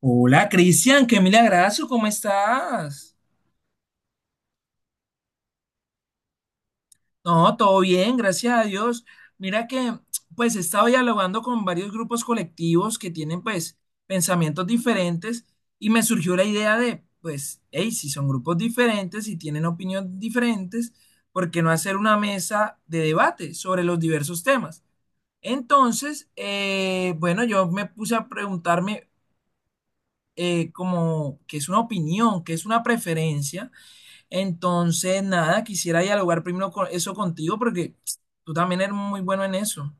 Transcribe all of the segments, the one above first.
Hola, Cristian, qué milagrazo, ¿cómo estás? No, todo bien, gracias a Dios. Mira que, pues, he estado dialogando con varios grupos colectivos que tienen, pues, pensamientos diferentes y me surgió la idea de, pues, hey, si son grupos diferentes y tienen opiniones diferentes, ¿por qué no hacer una mesa de debate sobre los diversos temas? Entonces, bueno, yo me puse a preguntarme como qué es una opinión, qué es una preferencia. Entonces, nada, quisiera dialogar primero con eso contigo porque tú también eres muy bueno en eso.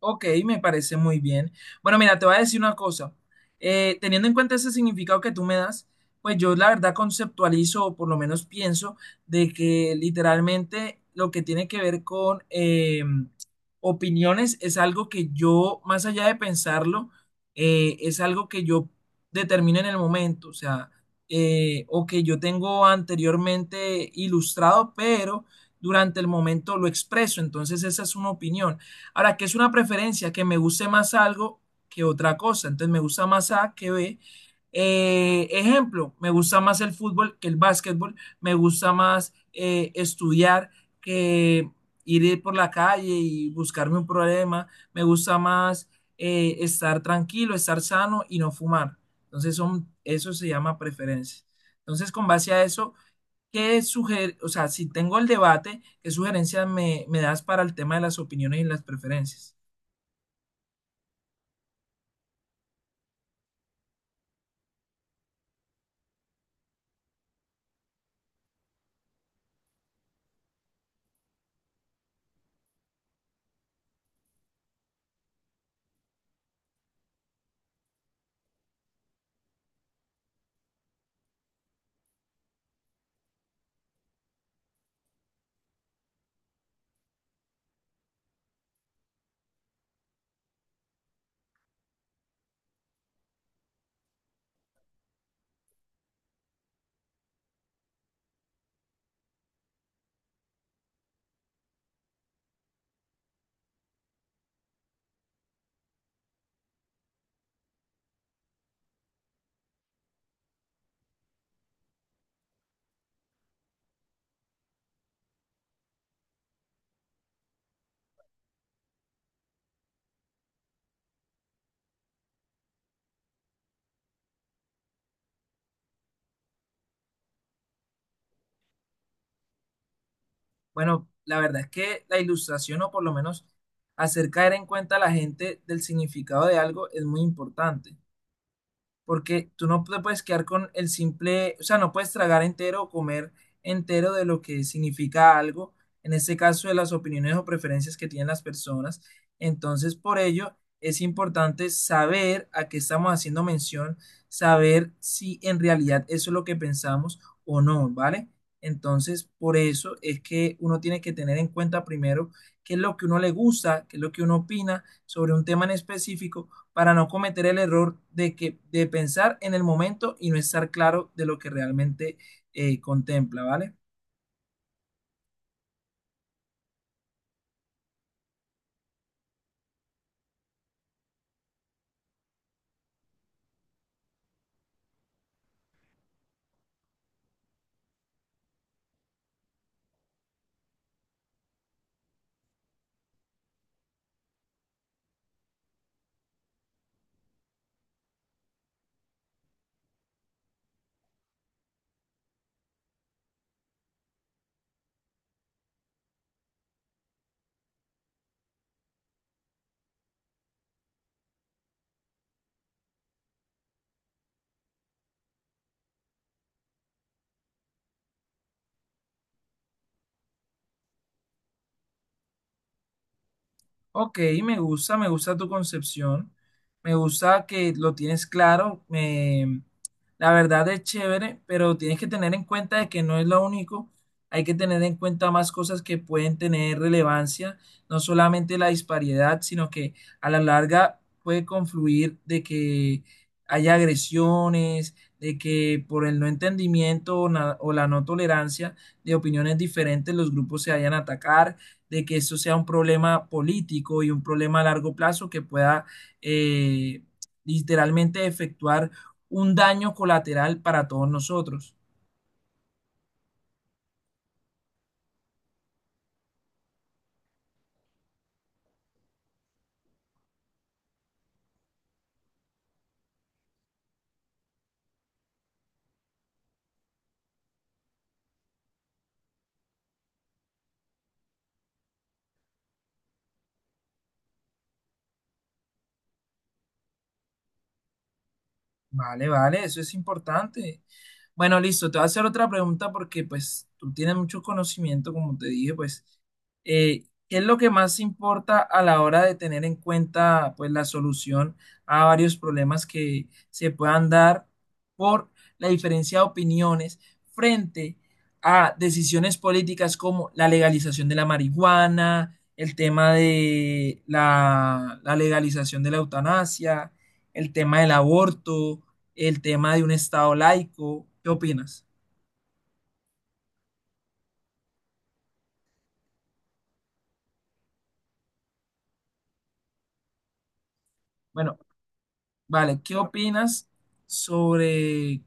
Ok, me parece muy bien. Bueno, mira, te voy a decir una cosa. Teniendo en cuenta ese significado que tú me das, pues yo la verdad conceptualizo, o por lo menos pienso, de que literalmente lo que tiene que ver con opiniones, es algo que yo, más allá de pensarlo, es algo que yo determino en el momento, o sea, o que yo tengo anteriormente ilustrado, pero durante el momento lo expreso, entonces esa es una opinión. Ahora, ¿qué es una preferencia? Que me guste más algo que otra cosa. Entonces, me gusta más A que B. Ejemplo, me gusta más el fútbol que el básquetbol, me gusta más estudiar que ir por la calle y buscarme un problema, me gusta más estar tranquilo, estar sano y no fumar. Entonces, son, eso se llama preferencia. Entonces, con base a eso, o sea, si tengo el debate, ¿qué sugerencias me das para el tema de las opiniones y las preferencias? Bueno, la verdad es que la ilustración, o por lo menos hacer caer en cuenta a la gente del significado de algo, es muy importante, porque tú no te puedes quedar con el simple, o sea, no puedes tragar entero o comer entero de lo que significa algo, en este caso de las opiniones o preferencias que tienen las personas. Entonces, por ello, es importante saber a qué estamos haciendo mención, saber si en realidad eso es lo que pensamos o no, ¿vale? Entonces, por eso es que uno tiene que tener en cuenta primero qué es lo que uno le gusta, qué es lo que uno opina sobre un tema en específico, para no cometer el error de, que, de pensar en el momento y no estar claro de lo que realmente contempla, ¿vale? Ok, me gusta tu concepción, me gusta que lo tienes claro, la verdad es chévere, pero tienes que tener en cuenta de que no es lo único, hay que tener en cuenta más cosas que pueden tener relevancia, no solamente la disparidad, sino que a la larga puede confluir de que haya agresiones, de que por el no entendimiento o la no tolerancia de opiniones diferentes los grupos se vayan a atacar, de que eso sea un problema político y un problema a largo plazo que pueda eh, literalmente efectuar un daño colateral para todos nosotros. Vale, vale, eso es importante. Bueno, listo, te voy a hacer otra pregunta porque pues tú tienes mucho conocimiento, como te dije, pues, eh, ¿qué es lo que más importa a la hora de tener en cuenta pues la solución a varios problemas que se puedan dar por la diferencia de opiniones frente a decisiones políticas como la legalización de la marihuana, el tema de la legalización de la eutanasia, el tema del aborto, el tema de un Estado laico? ¿Qué opinas? Bueno, vale, ¿qué opinas sobre,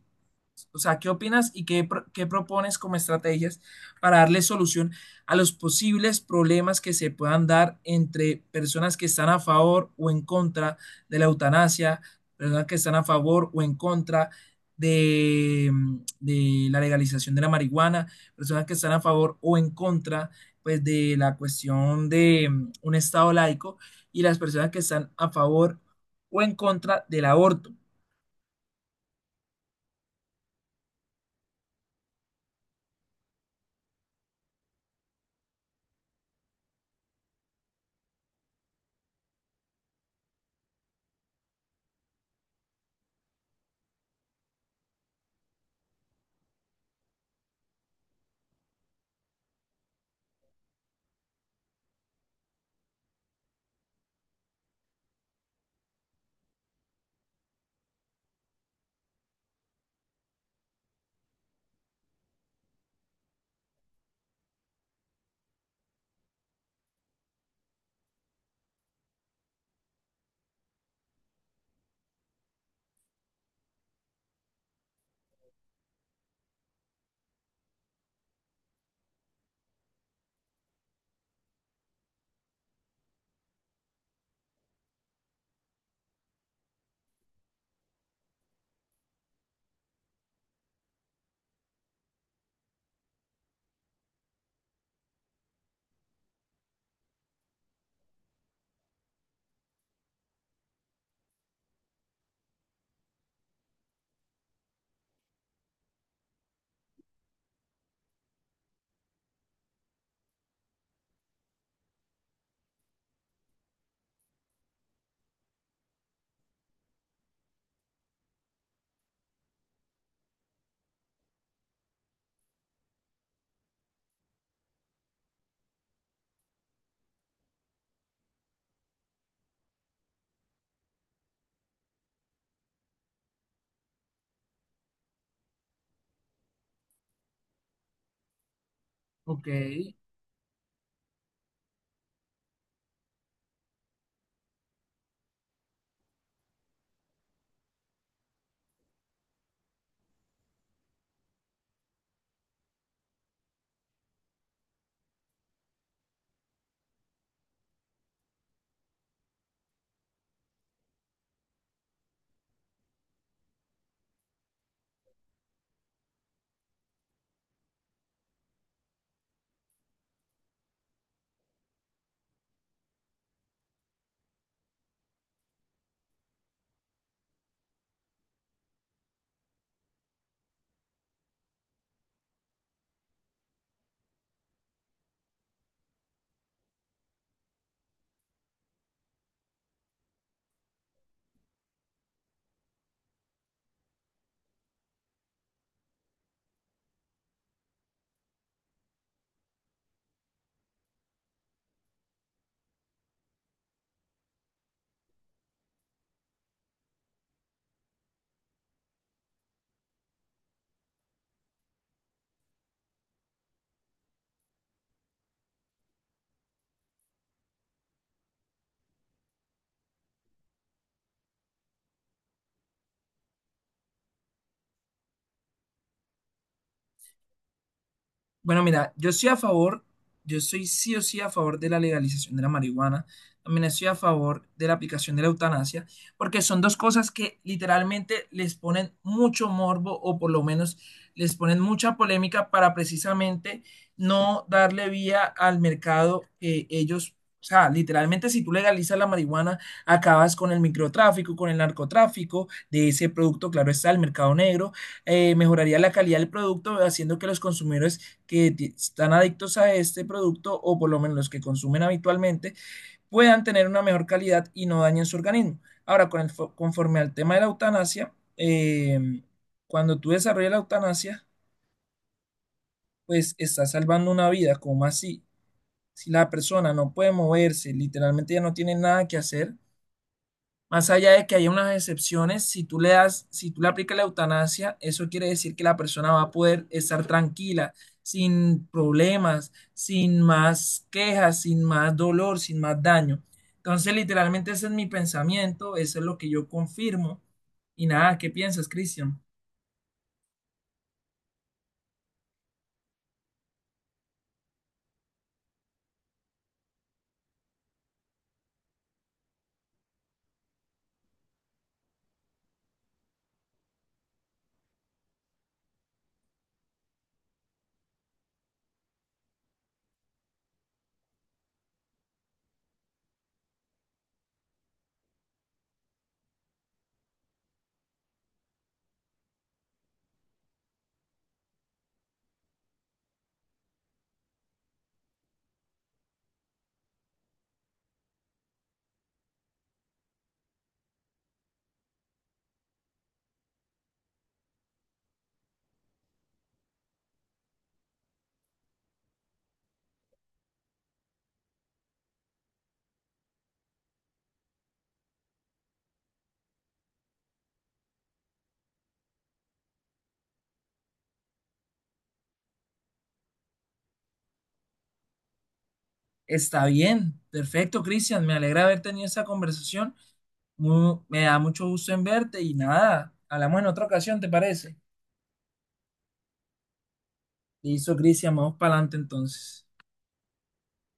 o sea, qué opinas y qué propones como estrategias para darle solución a los posibles problemas que se puedan dar entre personas que están a favor o en contra de la eutanasia, personas que están a favor o en contra de, de la legalización de la marihuana, personas que están a favor o en contra, pues, de la cuestión de un estado laico, y las personas que están a favor o en contra del aborto? Ok, bueno, mira, yo estoy a favor, yo estoy sí o sí a favor de la legalización de la marihuana, también estoy a favor de la aplicación de la eutanasia, porque son dos cosas que literalmente les ponen mucho morbo o por lo menos les ponen mucha polémica para precisamente no darle vía al mercado que ellos, o sea, literalmente si tú legalizas la marihuana, acabas con el microtráfico, con el narcotráfico de ese producto, claro está, el mercado negro mejoraría la calidad del producto, haciendo que los consumidores que están adictos a este producto o por lo menos los que consumen habitualmente puedan tener una mejor calidad y no dañen su organismo. Ahora, conforme al tema de la eutanasia, cuando tú desarrollas la eutanasia, pues estás salvando una vida. ¿Cómo así? Si la persona no puede moverse, literalmente ya no tiene nada que hacer. Más allá de que haya unas excepciones, si tú le das, si tú le aplicas la eutanasia, eso quiere decir que la persona va a poder estar tranquila, sin problemas, sin más quejas, sin más dolor, sin más daño. Entonces, literalmente ese es mi pensamiento, eso es lo que yo confirmo. Y nada, ¿qué piensas, Cristian? Está bien, perfecto, Cristian, me alegra haber tenido esta conversación. Me da mucho gusto en verte y nada, hablamos en otra ocasión, ¿te parece? Listo, Cristian, vamos para adelante entonces.